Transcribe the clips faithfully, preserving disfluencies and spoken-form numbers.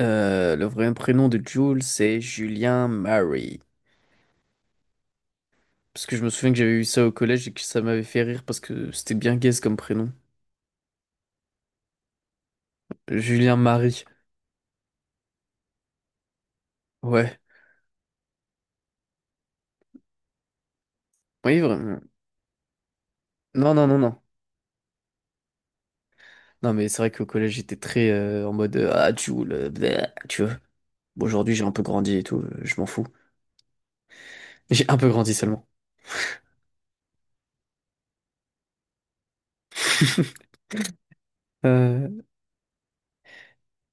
Euh, le vrai prénom de Jules, c'est Julien Murray. Parce que je me souviens que j'avais eu ça au collège et que ça m'avait fait rire parce que c'était bien gaze comme prénom. Julien Marie. Ouais. Oui, vraiment. Non, non, non, non. Non, mais c'est vrai qu'au collège, j'étais très euh, en mode euh, Ah, Jules, euh, bleh, tu vois. Bon, aujourd'hui, j'ai un peu grandi et tout, euh, je m'en fous. J'ai un peu grandi seulement. Euh,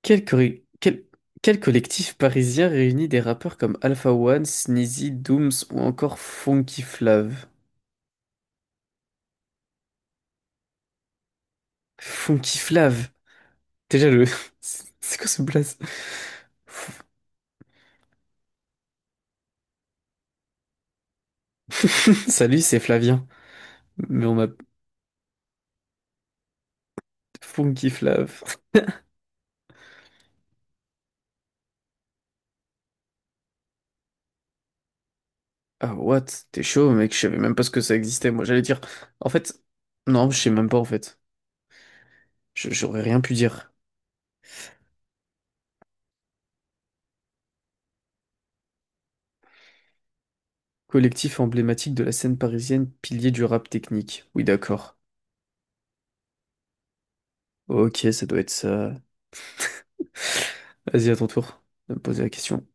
quel, corri- quel- Quel collectif parisien réunit des rappeurs comme Alpha One, Sneezy, Dooms ou encore Funky Flav? Funky Flav? Déjà le... C'est quoi ce blaze? Salut, c'est Flavien. Mais on m'a... Funky Flav. Ah, what? T'es chaud, mec, je savais même pas ce que ça existait. Moi, j'allais dire... En fait... Non, je sais même pas, en fait. Je- J'aurais rien pu dire. Collectif emblématique de la scène parisienne, pilier du rap technique. Oui, d'accord. Ok, ça doit être ça. Vas-y, à ton tour de me poser la question.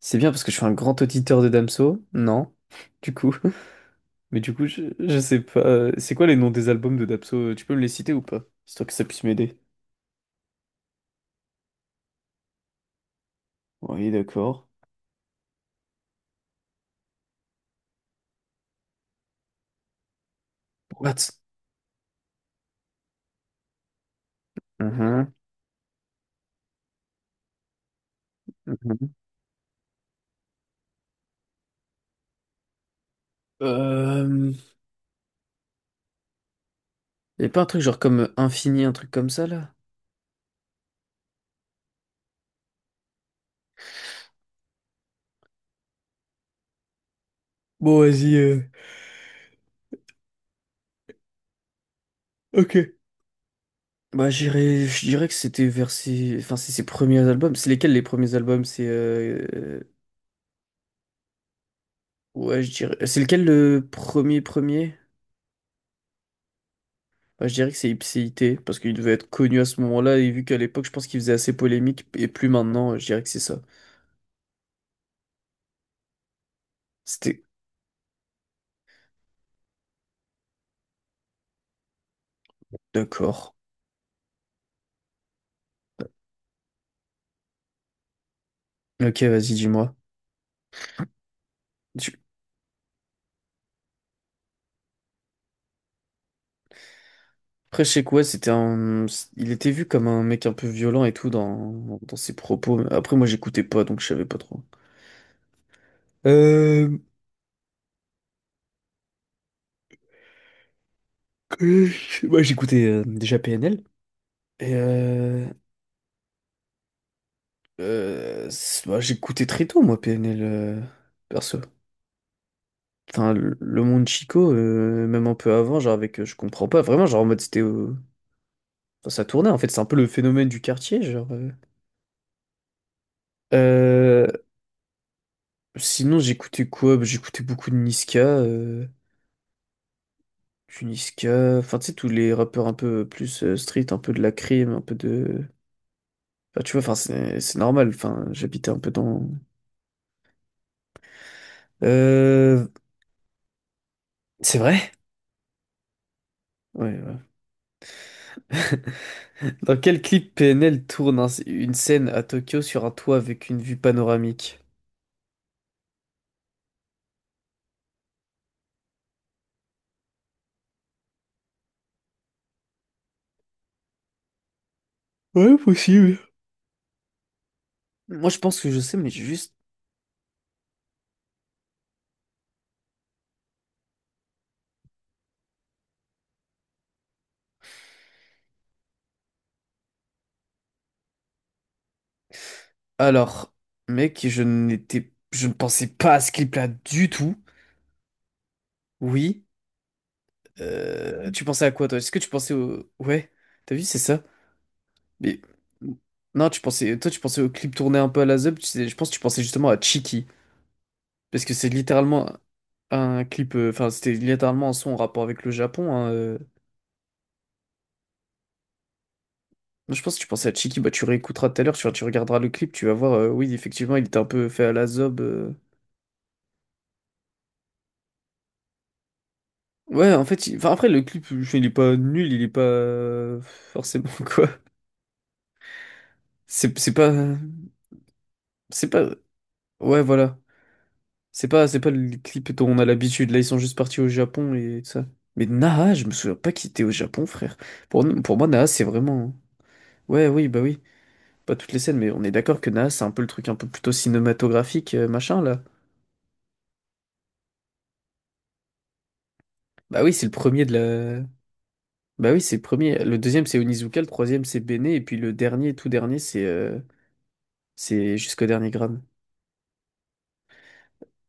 C'est bien parce que je suis un grand auditeur de Damso. Non, du coup. Mais du coup, je, je sais pas. euh, C'est quoi les noms des albums de Dapso? euh, Tu peux me les citer ou pas? Histoire que ça puisse m'aider. Oui, d'accord. What? Mhm, mhm. Euh... Y a pas un truc genre comme euh, Infini, un truc comme ça, là? Bon, vas-y. euh, Ok. Bah, j'irais, je dirais que c'était vers ses... Enfin, c'est ses premiers albums. C'est lesquels les premiers albums? C'est... euh, Ouais, je dirais... C'est lequel le premier premier? Bah, je dirais que c'est Ipséité, parce qu'il devait être connu à ce moment-là, et vu qu'à l'époque, je pense qu'il faisait assez polémique, et plus maintenant, je dirais que c'est ça. C'était. D'accord. Ok, vas-y, dis-moi. Tu- Après, je sais quoi, c'était un... Il était vu comme un mec un peu violent et tout dans, dans ses propos. Après, moi, j'écoutais pas, donc je savais pas trop. Euh... que- Moi, j'écoutais euh, déjà P N L. Et euh... euh, c'est- bah, j'écoutais très tôt, moi, P N L, euh, perso. Enfin, le le monde Chico, euh, même un peu avant, genre avec... euh, Je comprends pas, vraiment, genre en mode, c'était... euh, Enfin, ça tournait, en fait, c'est un peu le phénomène du quartier, genre... euh. Euh, Sinon, j'écoutais quoi? Bah, j'écoutais beaucoup de Niska, euh, du Niska, enfin, tu sais, tous les rappeurs un peu plus euh, street, un peu de la crime, un peu de. Enfin, tu vois, enfin, c'est c'est normal, enfin, j'habitais un peu dans. Euh, c'est vrai? Ouais, ouais. Dans quel clip P N L tourne un- une scène à Tokyo sur un toit avec une vue panoramique? Ouais, possible. Moi, je pense que je sais, mais j'ai juste. Alors, mec, je n'étais, je ne pensais pas à ce clip-là du tout. Oui, Euh, tu pensais à quoi, toi? Est-ce que tu pensais au... Ouais, t'as vu, c'est ça. Mais... Non, tu pensais... Toi, tu pensais au clip tourné un peu à la Zeb. Tu sais, je pense que tu pensais justement à Chiki. Parce que c'est littéralement un clip... euh, Enfin, c'était littéralement un son en rapport avec le Japon. Hein, euh. Moi, je pense que tu pensais à Chiki. Bah, tu réécouteras tout à l'heure, tu, tu regarderas le clip, tu vas voir... euh, oui, effectivement, il était un peu fait à la Zeb. euh. Ouais, en fait... il- Enfin, après, le clip, je- il est pas nul, il est pas... euh, forcément, quoi. C'est c'est pas... C'est pas... Ouais, voilà. C'est pas, c'est pas le clip dont on a l'habitude. Là, ils sont juste partis au Japon et tout ça. Mais Naha, je me souviens pas qu'il était au Japon, frère. Pour, pour moi, Naha, c'est vraiment. Ouais, oui, bah oui. Pas toutes les scènes, mais on est d'accord que Naha, c'est un peu le truc un peu plutôt cinématographique, euh, machin, là. Bah oui, c'est le premier de la. Bah oui, c'est le premier. Le deuxième, c'est Onizuka. Le troisième, c'est Bene. Et puis le dernier, tout dernier, c'est. euh, C'est jusqu'au dernier gramme.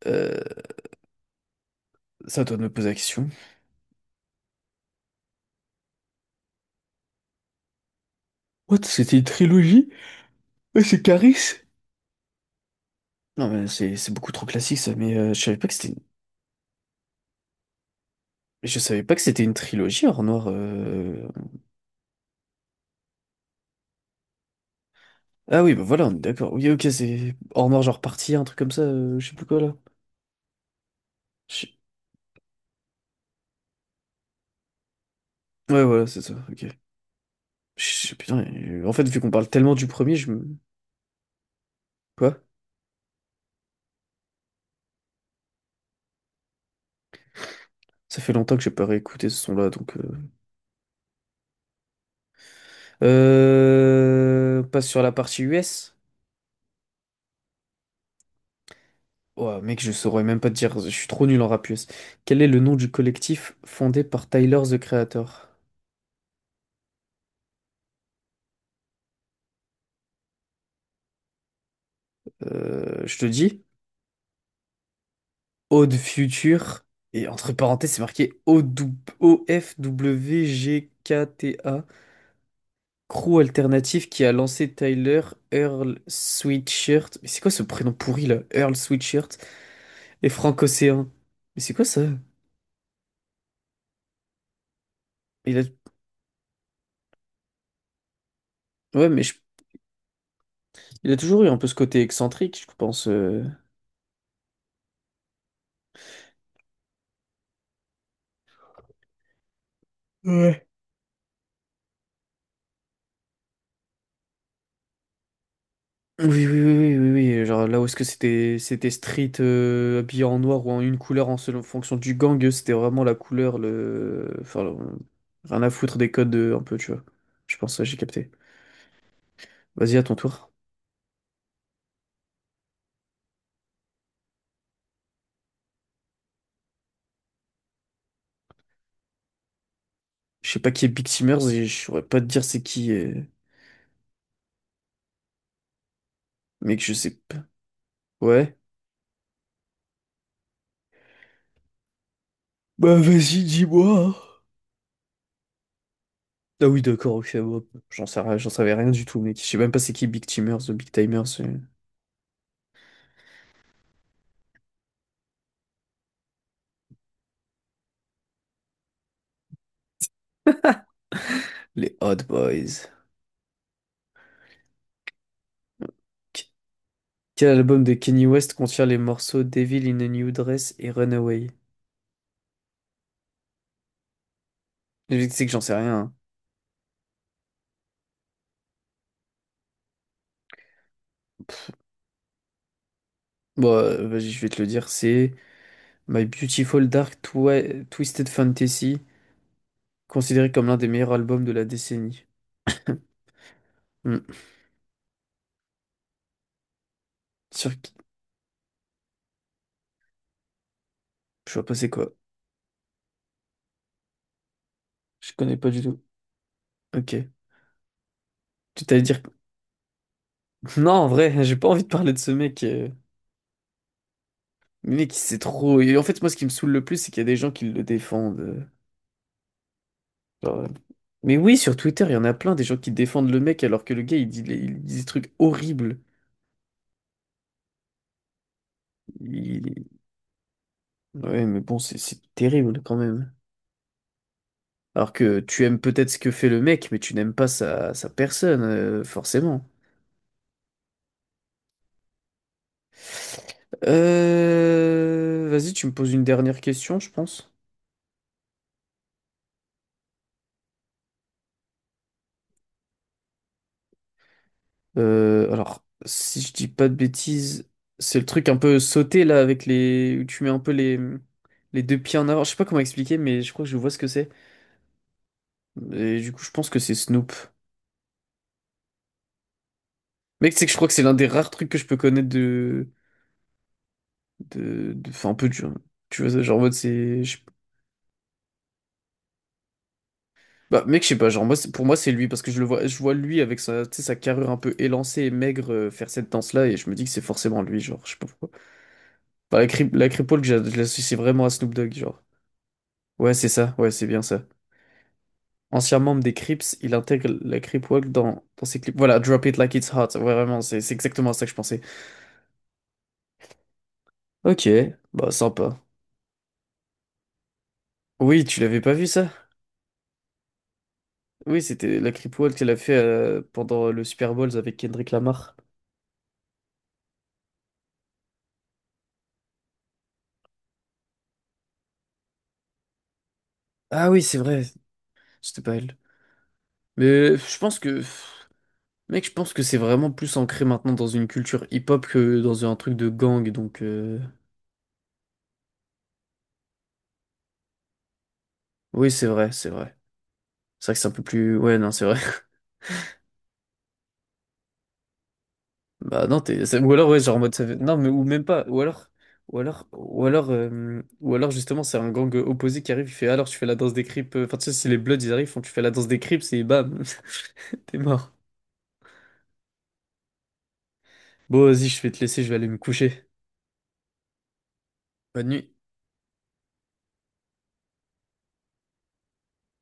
Euh, ça, doit me poser la question. What? C'était une trilogie? Ouais, c'est Caris? Non, mais c'est c'est beaucoup trop classique ça, mais euh, je savais pas que c'était. Mais je savais pas que c'était une trilogie, Or Noir. euh. Ah oui, bah voilà, on est d'accord. Oui, ok, c'est Or Noir, genre partie, un truc comme ça, euh, je sais plus quoi là. Je- Ouais, voilà, c'est ça, ok. Je- Putain, euh, en fait, vu qu'on parle tellement du premier, je me. Quoi? Ça fait longtemps que j'ai pas réécouté ce son-là, donc. Euh... Euh, Passe sur la partie U S. Ouais, mec, je saurais même pas te dire, je suis trop nul en rap U S. Quel est le nom du collectif fondé par Tyler, the Creator? Euh, je te dis. Ode Future. Et entre parenthèses, c'est marqué O-F-W-G-K-T-A. Crew alternatif qui a lancé Tyler Earl Sweatshirt. Mais c'est quoi ce prénom pourri là? Earl Sweatshirt et Frank Océan. Mais c'est quoi ça? Il a... Ouais, mais je- il a toujours eu un peu ce côté excentrique, je pense. euh. Oui, oui, oui, oui, oui, oui, genre là où est-ce que c'était c'était street, euh, habillé en noir ou en une couleur en selon en fonction du gang, eux, c'était vraiment la couleur, le... Enfin, le- rien à foutre des codes, euh, un peu, tu vois. Je pense, ouais, j'ai capté. Vas-y, à ton tour. Je sais pas qui est Big Timers et je saurais pas te dire c'est qui, euh, mec, je sais pas. Ouais. Bah vas-y, dis-moi. Hein. Ah oui, d'accord, ok, bon, j'en sais rien- j'en savais rien du tout, mec. Je sais même pas c'est qui Big Timers, the Big Timers, euh, les Hot Boys. Ok. Quel album de Kanye West contient les morceaux Devil in a New Dress et Runaway? Le truc, c'est que j'en sais rien. Hein. Pff, bon, euh, vas-y, je vais te le dire. C'est My Beautiful Dark Twi- Twisted Fantasy, considéré comme l'un des meilleurs albums de la décennie. Hmm. Sur qui? Je vois pas c'est quoi. Je connais pas du tout. Ok. Tu t'allais dire. Non, en vrai, j'ai pas envie de parler de ce mec. euh. Le mec, c'est trop. Et en fait, moi, ce qui me saoule le plus, c'est qu'il y a des gens qui le défendent. euh. Genre, euh, Mais oui, sur Twitter, il y en a plein des gens qui défendent le mec alors que le gars, il dit, les- il dit des trucs horribles. Il- Ouais, mais bon, c'est c'est terrible quand même. Alors que tu aimes peut-être ce que fait le mec, mais tu n'aimes pas sa, sa personne, euh, forcément. Euh, Vas-y, tu me poses une dernière question, je pense. Euh, alors, si je dis pas de bêtises, c'est le truc un peu sauté là avec les où tu mets un peu les les deux pieds en avant. Je sais pas comment expliquer, mais je crois que je vois ce que c'est. Et du coup, je pense que c'est Snoop. Mec, c'est que je crois que c'est l'un des rares trucs que je peux connaître de. de. de- Enfin, un peu du. Tu vois, genre, en mode, c'est. je- Bah, mec, je sais pas, genre, moi, c'est- pour moi, c'est lui, parce que je le vois, je vois lui avec sa, tu sais, sa carrure un peu élancée et maigre, euh, faire cette danse-là, et je me dis que c'est forcément lui, genre, je sais pas pourquoi. Bah, la, Crip- la Cripple, que j'a- je l'associe vraiment à Snoop Dogg, genre. Ouais, c'est ça, ouais, c'est bien ça. Ancien membre des Crips, il intègre la Crip Walk dans, dans ses clips. Voilà, Drop It Like It's Hot, ouais, vraiment, c'est c'est exactement à ça que je pensais. Ok, bah, sympa. Oui, tu l'avais pas vu ça? Oui, c'était la creepwalk qu'elle a fait euh, pendant le Super Bowl avec Kendrick Lamar. Ah oui, c'est vrai, c'était pas elle. Mais je pense que, mec, je pense que c'est vraiment plus ancré maintenant dans une culture hip-hop que dans un truc de gang, donc euh, oui, c'est vrai, c'est vrai. C'est vrai que c'est un peu plus, ouais, non, c'est vrai. Bah non, t'es, c'est- ou alors ouais, genre en mode, ça fait- non, mais ou même pas, ou alors, ou alors, ou alors, euh, ou alors justement, c'est un gang opposé qui arrive, il fait, alors tu fais la danse des Crips, euh, enfin tu sais, si les Bloods ils arrivent, ils font, tu fais la danse des Crips et bam, t'es mort. Bon, vas-y, je vais te laisser, je vais aller me coucher. Bonne nuit.